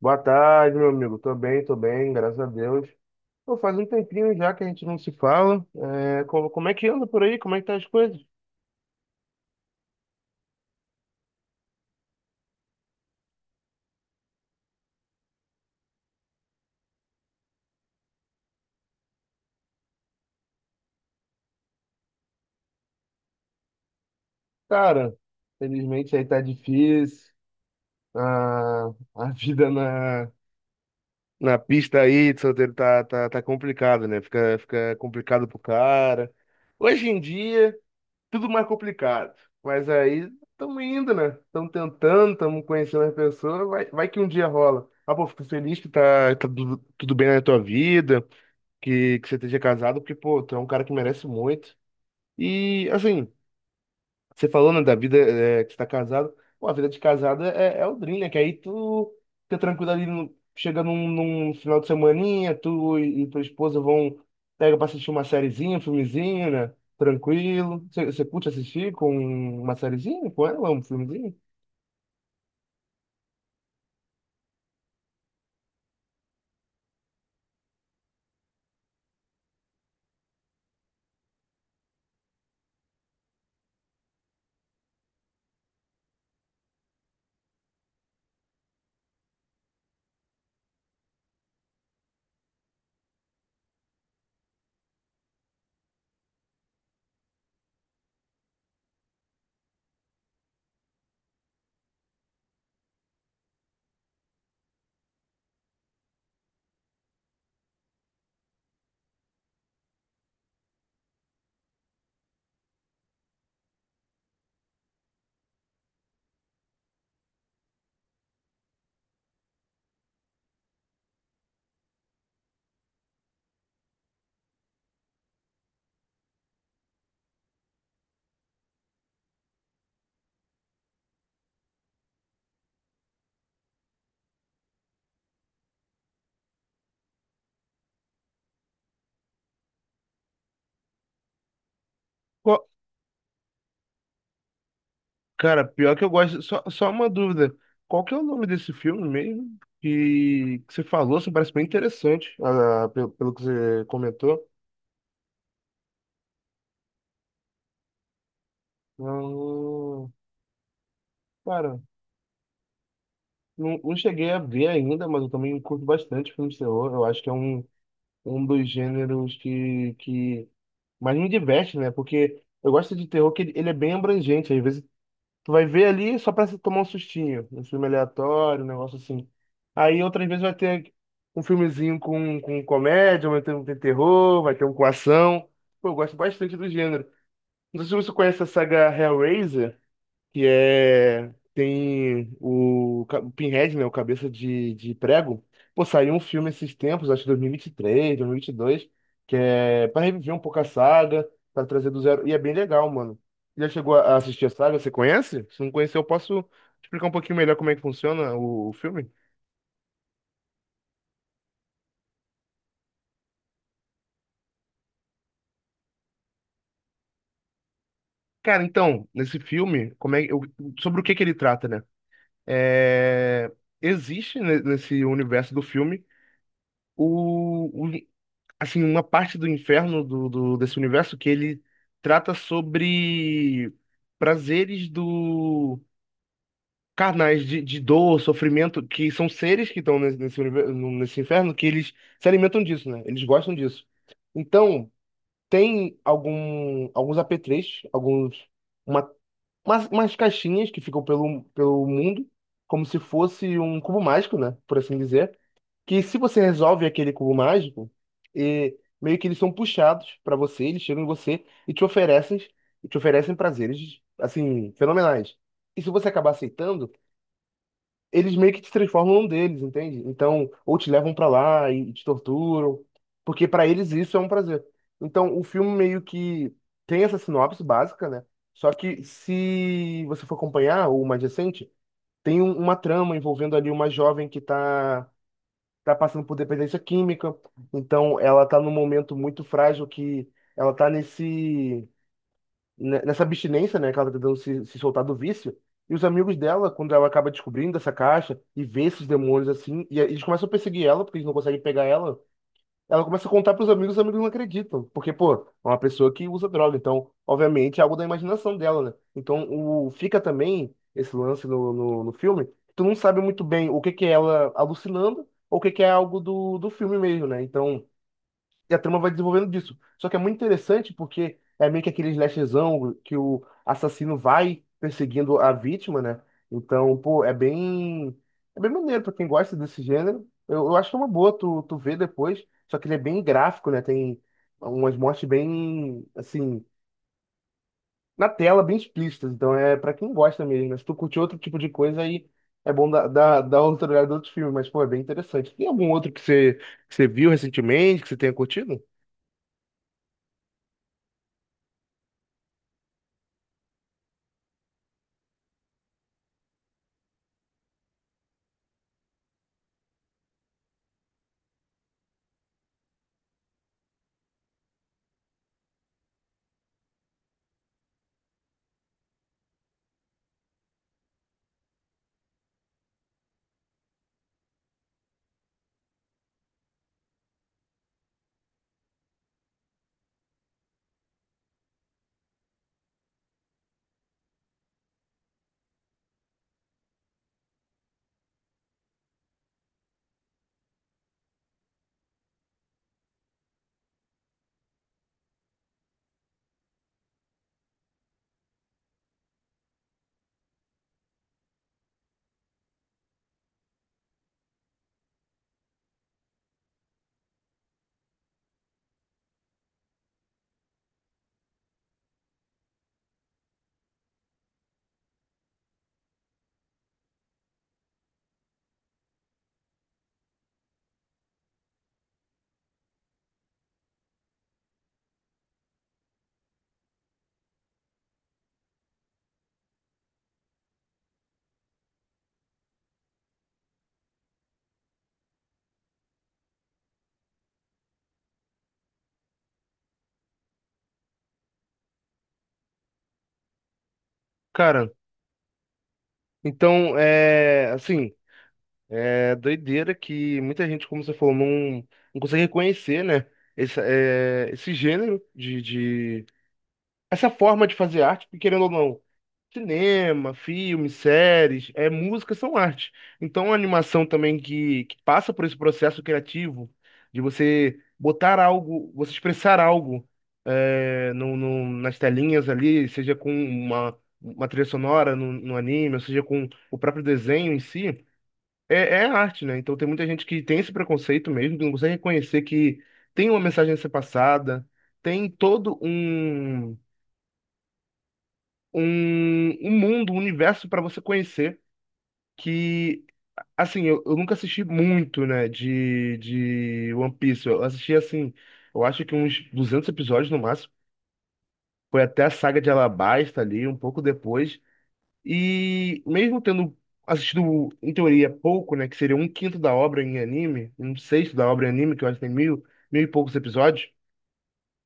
Boa tarde, meu amigo. Tô bem, graças a Deus. Pô, faz um tempinho já que a gente não se fala. Como é que anda por aí? Como é que tá as coisas? Cara, felizmente aí tá difícil. A, a vida na pista aí de solteiro tá complicado, né? Fica complicado pro cara. Hoje em dia. Tudo mais complicado. Mas aí estamos indo, né? Estamos tentando, estamos conhecendo as pessoas, vai que um dia rola. Ah, pô, fico feliz que tá tudo, tudo bem na tua vida, que você esteja casado, porque, pô, tu é um cara que merece muito. E, assim, você falou, né, que você tá casado. Pô, a vida de casado é o dream, né? Que aí tu fica tranquilo ali, chega num final de semaninha, tu e tua esposa vão, pega pra assistir uma sériezinha, um filmezinho, né? Tranquilo. Você curte assistir com uma sériezinha com ela, um filmezinho? Qual- Cara, pior que eu gosto, só uma dúvida. Qual que é o nome desse filme mesmo? Que você falou, assim, parece bem interessante, ah, pelo que você comentou. Hum, cara. Não cheguei a ver ainda, mas eu também curto bastante filme de terror. Eu acho que é um, um dos gêneros que mais me diverte, né? Porque eu gosto de terror que ele é bem abrangente. Às vezes tu vai ver ali só pra se tomar um sustinho. Um filme aleatório, um negócio assim. Aí outras vezes vai ter um filmezinho com comédia, vai ter um tem terror, vai ter um com ação. Pô, eu gosto bastante do gênero. Não sei se você conhece a saga Hellraiser que é tem o Pinhead, né, o Cabeça de Prego. Pô, saiu um filme esses tempos, acho que 2023, 2022, que é para reviver um pouco a saga, para trazer do zero, e é bem legal, mano. Já chegou a assistir a saga? Você conhece? Se não conhecer, eu posso explicar um pouquinho melhor como é que funciona o filme? Cara, então, nesse filme, sobre o que que ele trata, né? É, existe nesse universo do filme assim, uma parte do inferno desse universo que ele trata sobre prazeres do carnais de dor, sofrimento, que são seres que estão nesse, nesse, univer- no- nesse inferno que eles se alimentam disso, né? Eles gostam disso. Então, tem alguns apetrechos, uma, umas caixinhas que ficam pelo mundo, como se fosse um cubo mágico, né? Por assim dizer que se você resolve aquele cubo mágico, e meio que eles são puxados pra você, eles chegam em você e te oferecem prazeres assim fenomenais. E se você acabar aceitando, eles meio que te transformam num deles, entende? Então, ou te levam pra lá e te torturam, porque pra eles isso é um prazer. Então, o filme meio que tem essa sinopse básica, né? Só que se você for acompanhar o mais recente, tem uma trama envolvendo ali uma jovem que tá tá passando por dependência química, então ela tá num momento muito frágil que ela tá nessa abstinência, né, que ela tá tentando se soltar do vício. E os amigos dela, quando ela acaba descobrindo essa caixa e vê esses demônios assim, e eles começam a perseguir ela porque eles não conseguem pegar ela, ela começa a contar pros amigos, os amigos não acreditam. Porque, pô, é uma pessoa que usa droga. Então, obviamente, é algo da imaginação dela, né? Então, fica também esse lance no filme. Que tu não sabe muito bem o que que é ela alucinando ou o que que é algo do filme mesmo, né? Então. E a trama vai desenvolvendo disso. Só que é muito interessante porque é meio que aquele slashzão que o assassino vai perseguindo a vítima, né? Então, pô, é bem. É bem maneiro pra quem gosta desse gênero. Eu acho que é uma boa tu ver depois. Só que ele é bem gráfico, né? Tem umas mortes bem, assim, na tela, bem explícitas. Então é pra quem gosta mesmo, né? Se tu curte outro tipo de coisa, aí é bom dar outra olhada em outros filmes. Mas, pô, é bem interessante. Tem algum outro que você viu recentemente, que você tenha curtido? Cara. Então, é, assim, é doideira que muita gente, como você falou, não consegue reconhecer, né, esse gênero essa forma de fazer arte, porque querendo ou não, cinema, filmes, séries, é, música são arte. Então, a animação também que passa por esse processo criativo de você botar algo, você expressar algo é, nas telinhas ali, seja com uma trilha sonora no anime, ou seja com o próprio desenho em si, é, é arte, né? Então, tem muita gente que tem esse preconceito mesmo, que não consegue reconhecer que tem uma mensagem a ser passada, tem todo um mundo, um universo pra você conhecer que, assim, eu nunca assisti muito, né, de One Piece. Eu assisti, assim, eu acho que uns 200 episódios no máximo. Foi até a saga de Alabasta ali, um pouco depois. E mesmo tendo assistido, em teoria, pouco, né, que seria um quinto da obra em anime, um sexto da obra em anime, que eu acho que tem mil e poucos episódios.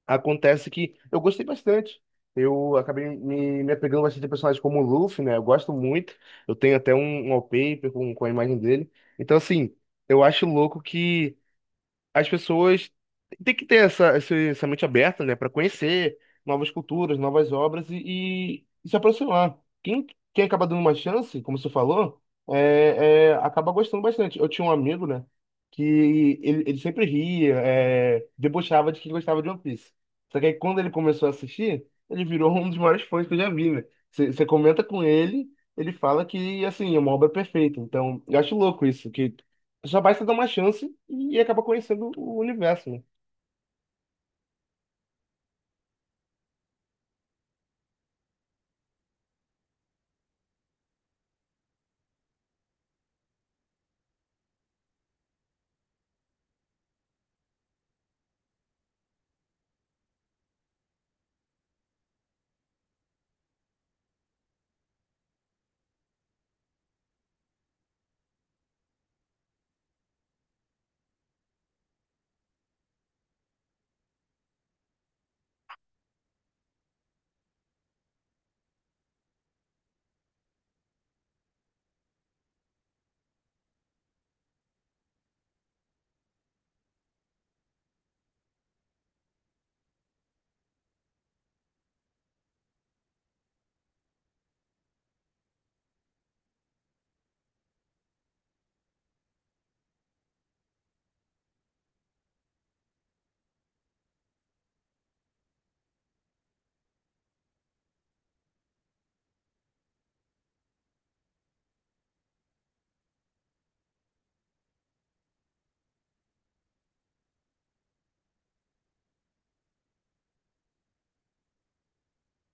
Acontece que eu gostei bastante. Eu acabei me apegando bastante a personagens como o Luffy, né? Eu gosto muito. Eu tenho até um wallpaper com a imagem dele. Então, assim, eu acho louco que as pessoas têm que ter essa mente aberta, né, para conhecer novas culturas, novas obras e se aproximar. Quem, quem acaba dando uma chance, como você falou, acaba gostando bastante. Eu tinha um amigo, né, que ele sempre ria, é, debochava de que gostava de One Piece. Só que aí, quando ele começou a assistir, ele virou um dos maiores fãs que eu já vi, né? Você comenta com ele, ele fala que, assim, é uma obra perfeita. Então, eu acho louco isso, que já basta dar uma chance e acaba conhecendo o universo, né?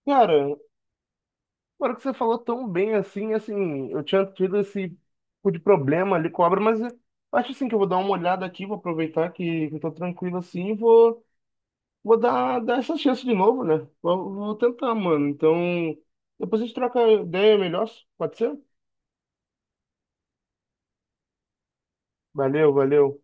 Cara, agora que você falou tão bem assim, eu tinha tido esse tipo de problema ali com a obra, mas eu acho assim que eu vou dar uma olhada aqui, vou aproveitar que eu tô tranquilo assim, vou dar essa chance de novo, né? Vou tentar, mano. Então, depois a gente troca ideia melhor, pode ser? Valeu, valeu.